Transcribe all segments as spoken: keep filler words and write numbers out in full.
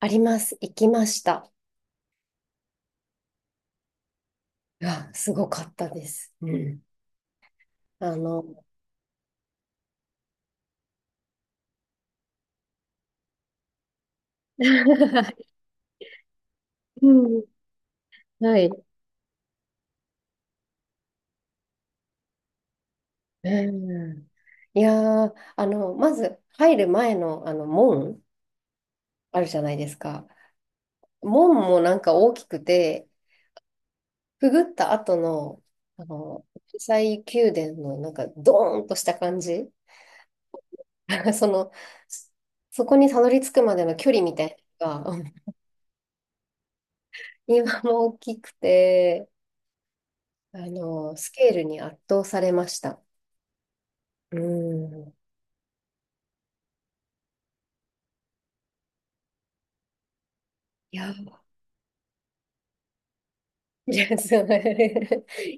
あります。行きました。いや、すごかったです。うん。あの、うん。はい。うん。いやー、あの、まず入る前の、あの、門あるじゃないですか。門もなんか大きくて、くぐった後の、あの、国際宮殿のなんかドーンとした感じ。その、そこにたどり着くまでの距離みたいなのが、うん 今も大きくて、あの、スケールに圧倒されました。うん。いや、いや、そう。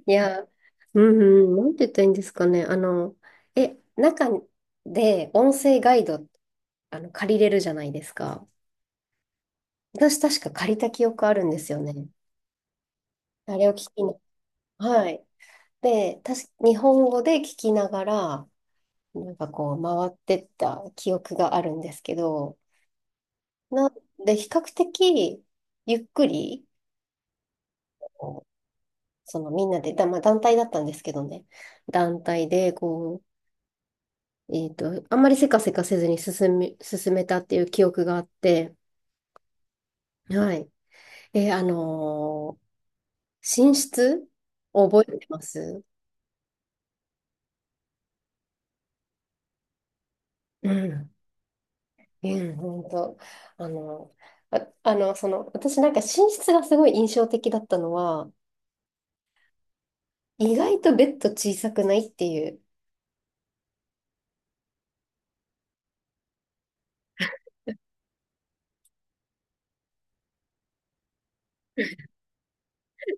いや、うん、うんなんて言ったらいいんですかね。あの、え、中で音声ガイド、あの、借りれるじゃないですか。私、確か借りた記憶あるんですよね。あれを聞きに。はい。で、確か日本語で聞きながら、なんかこう、回ってった記憶があるんですけど、なんで、比較的、ゆっくり、その、みんなで、だ、まあ団体だったんですけどね。団体で、こう、えっと、あんまりせかせかせずに進め、進めたっていう記憶があって、はい。えーあのー寝室覚えてますうん。うん、本当。あのあ、あの、その、私なんか寝室がすごい印象的だったのは、意外とベッド小さくないっていう。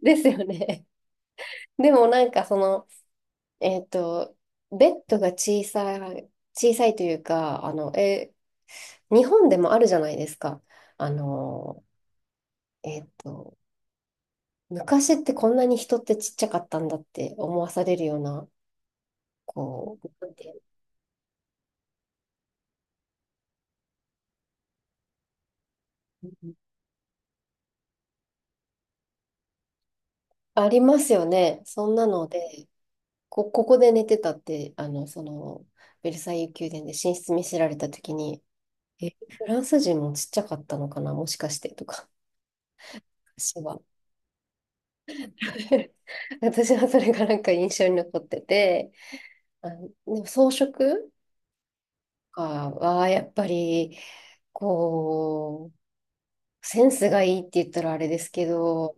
ですよね。でもなんかその、えっと、ベッドが小さい、小さいというか、あの、えー、日本でもあるじゃないですか。あの、えっと、昔ってこんなに人ってちっちゃかったんだって思わされるような、こう、なんていうのありますよね。そんなので、こ、ここで寝てたって、あの、その、ベルサイユ宮殿で寝室見せられたときに、え、フランス人もちっちゃかったのかな、もしかしてとか、私は 私はそれがなんか印象に残ってて、あの、でも装飾とかはやっぱり、こう、センスがいいって言ったらあれですけど、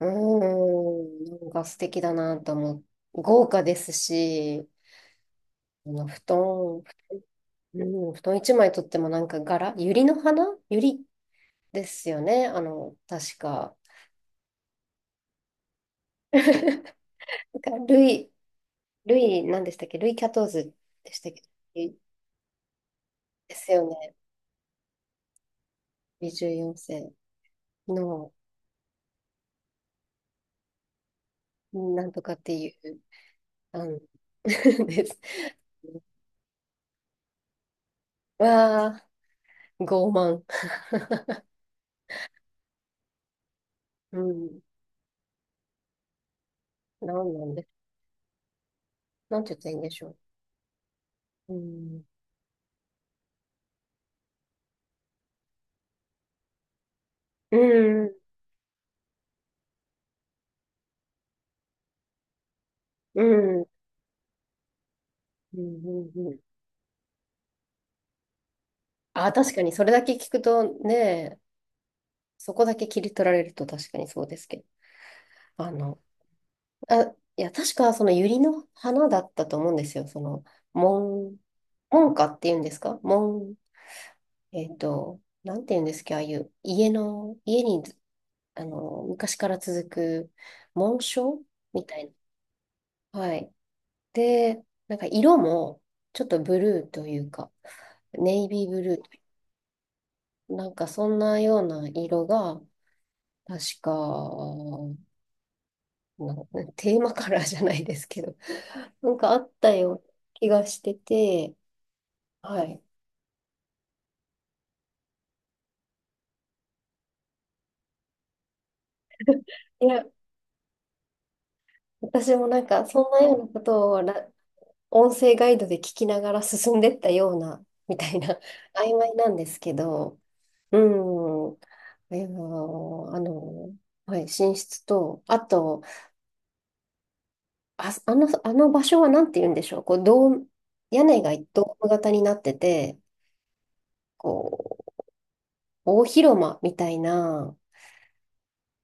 うーん、なんか素敵だなと思う。豪華ですし、あの布団、うん、布団一枚とってもなんか柄、百合の花百合ですよね、あの、確か。なんかルイ、ルイ、何でしたっけルイ・キャトーズでしたっけですよね。にじゅうよん せい世のなんとかっていう、あ です。わあ、傲慢。うん。なんなんで、なんて言ったらいいんでしょう。うん。うん。うん。うん。うん。あ、確かにそれだけ聞くとね、そこだけ切り取られると確かにそうですけど。あの、あ、いや、確かその百合の花だったと思うんですよ。その、門、門下っていうんですか、門、えっと、なんて言うんですか、ああいう家の、家に、あの、昔から続く紋章みたいな。はい。で、なんか色も、ちょっとブルーというか、ネイビーブルー、なんかそんなような色が、確か、なテーマカラーじゃないですけど、なんかあったような気がしてて、はい。いや、私もなんかそんなようなことをら音声ガイドで聞きながら進んでったような、みたいな、曖昧なんですけど、うん、えーあの、はい、寝室と、あと、あ、あの、あの場所はなんて言うんでしょう、こう、ドーム、屋根がドーム型になってて、こう、大広間みたいな、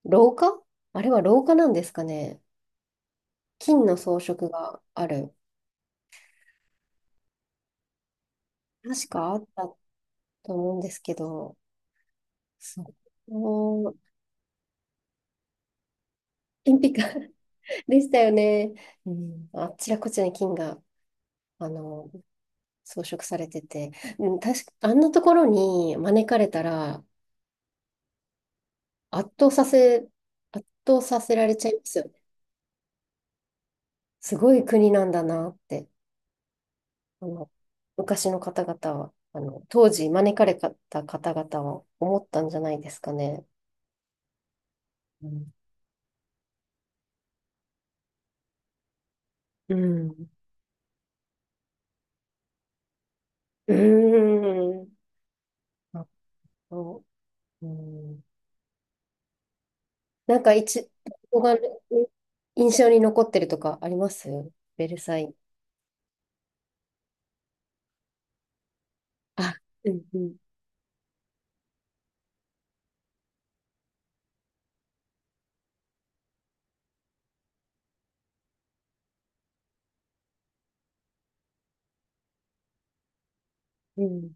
廊下あれは廊下なんですかね。金の装飾がある。確かあったと思うんですけど、そう。もう、金ピカ。でしたよね。うん、あちらこちらに金が、あの、装飾されてて、うん、確か、あんなところに招かれたら、圧倒させ、圧倒させられちゃいますよね。すごい国なんだなって、あの、昔の方々は、あの、当時招かれた方々は思ったんじゃないですかね。うん。うん。うん。あと、うんなんか一、ここが印象に残ってるとかありますベルサイユ。あ、うんうん、うん。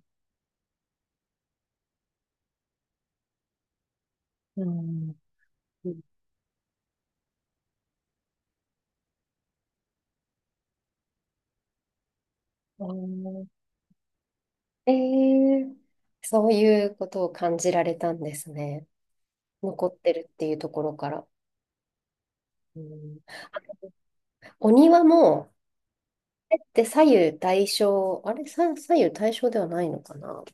うん。うんえー、そういうことを感じられたんですね。残ってるっていうところから。うん、お庭も、あって左右対称、あれ、さ左右対称ではないのかな、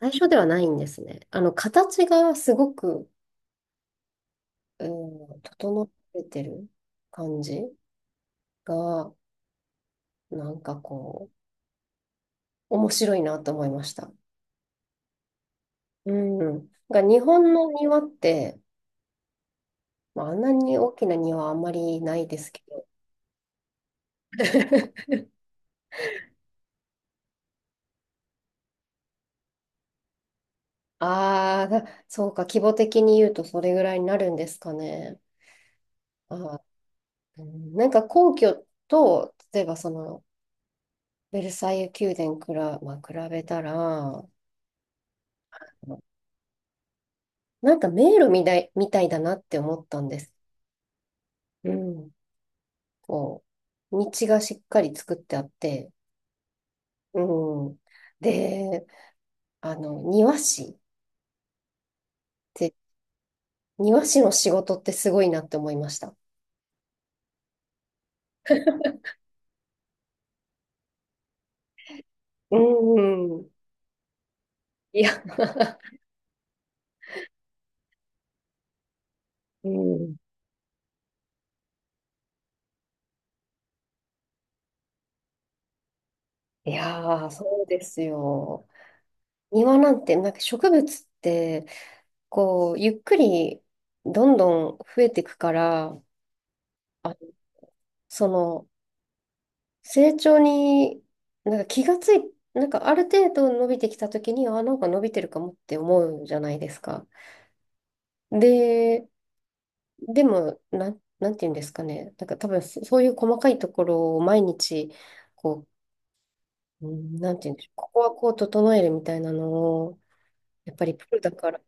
対称ではないんですね。あの、形がすごく、うん、整っててる感じが、なんかこう、面白いなと思いました。うん。が日本の庭って、まあ、あんなに大きな庭はあんまりないですけど。ああ、そうか、規模的に言うとそれぐらいになるんですかね。あー、うんなんか皇居と、例えばその、ベルサイユ宮殿くら、まあ、比べたら、なんか迷路みたい、みたいだなって思ったんです。うん。こう、道がしっかり作ってあって、うん。で、あの、庭師って、庭師の仕事ってすごいなって思いました。うんうん、いや、うん、いやー、そうですよ。庭なんて、なんか植物って、こう、ゆっくりどんどん増えていくから、あ、その、成長に、なんか気がつい、なんかある程度伸びてきた時に、あ、なんか伸びてるかもって思うじゃないですか。で、でも、なん、なんていうんですかね。なんか多分そ、そういう細かいところを毎日、こう、うんなんていうんでしょう。ここはこう整えるみたいなのを、やっぱりプロだから、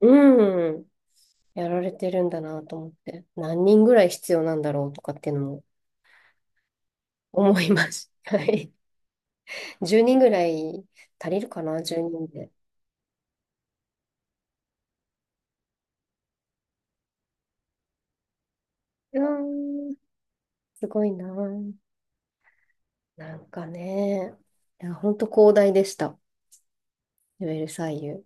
うん、やられてるんだなと思って、何人ぐらい必要なんだろうとかっていうのも思います。はい。じゅうにんぐらい足りるかな、じゅうにんで。うん、すごいな。なんかね、いや、本当広大でした。ウェルサイユ。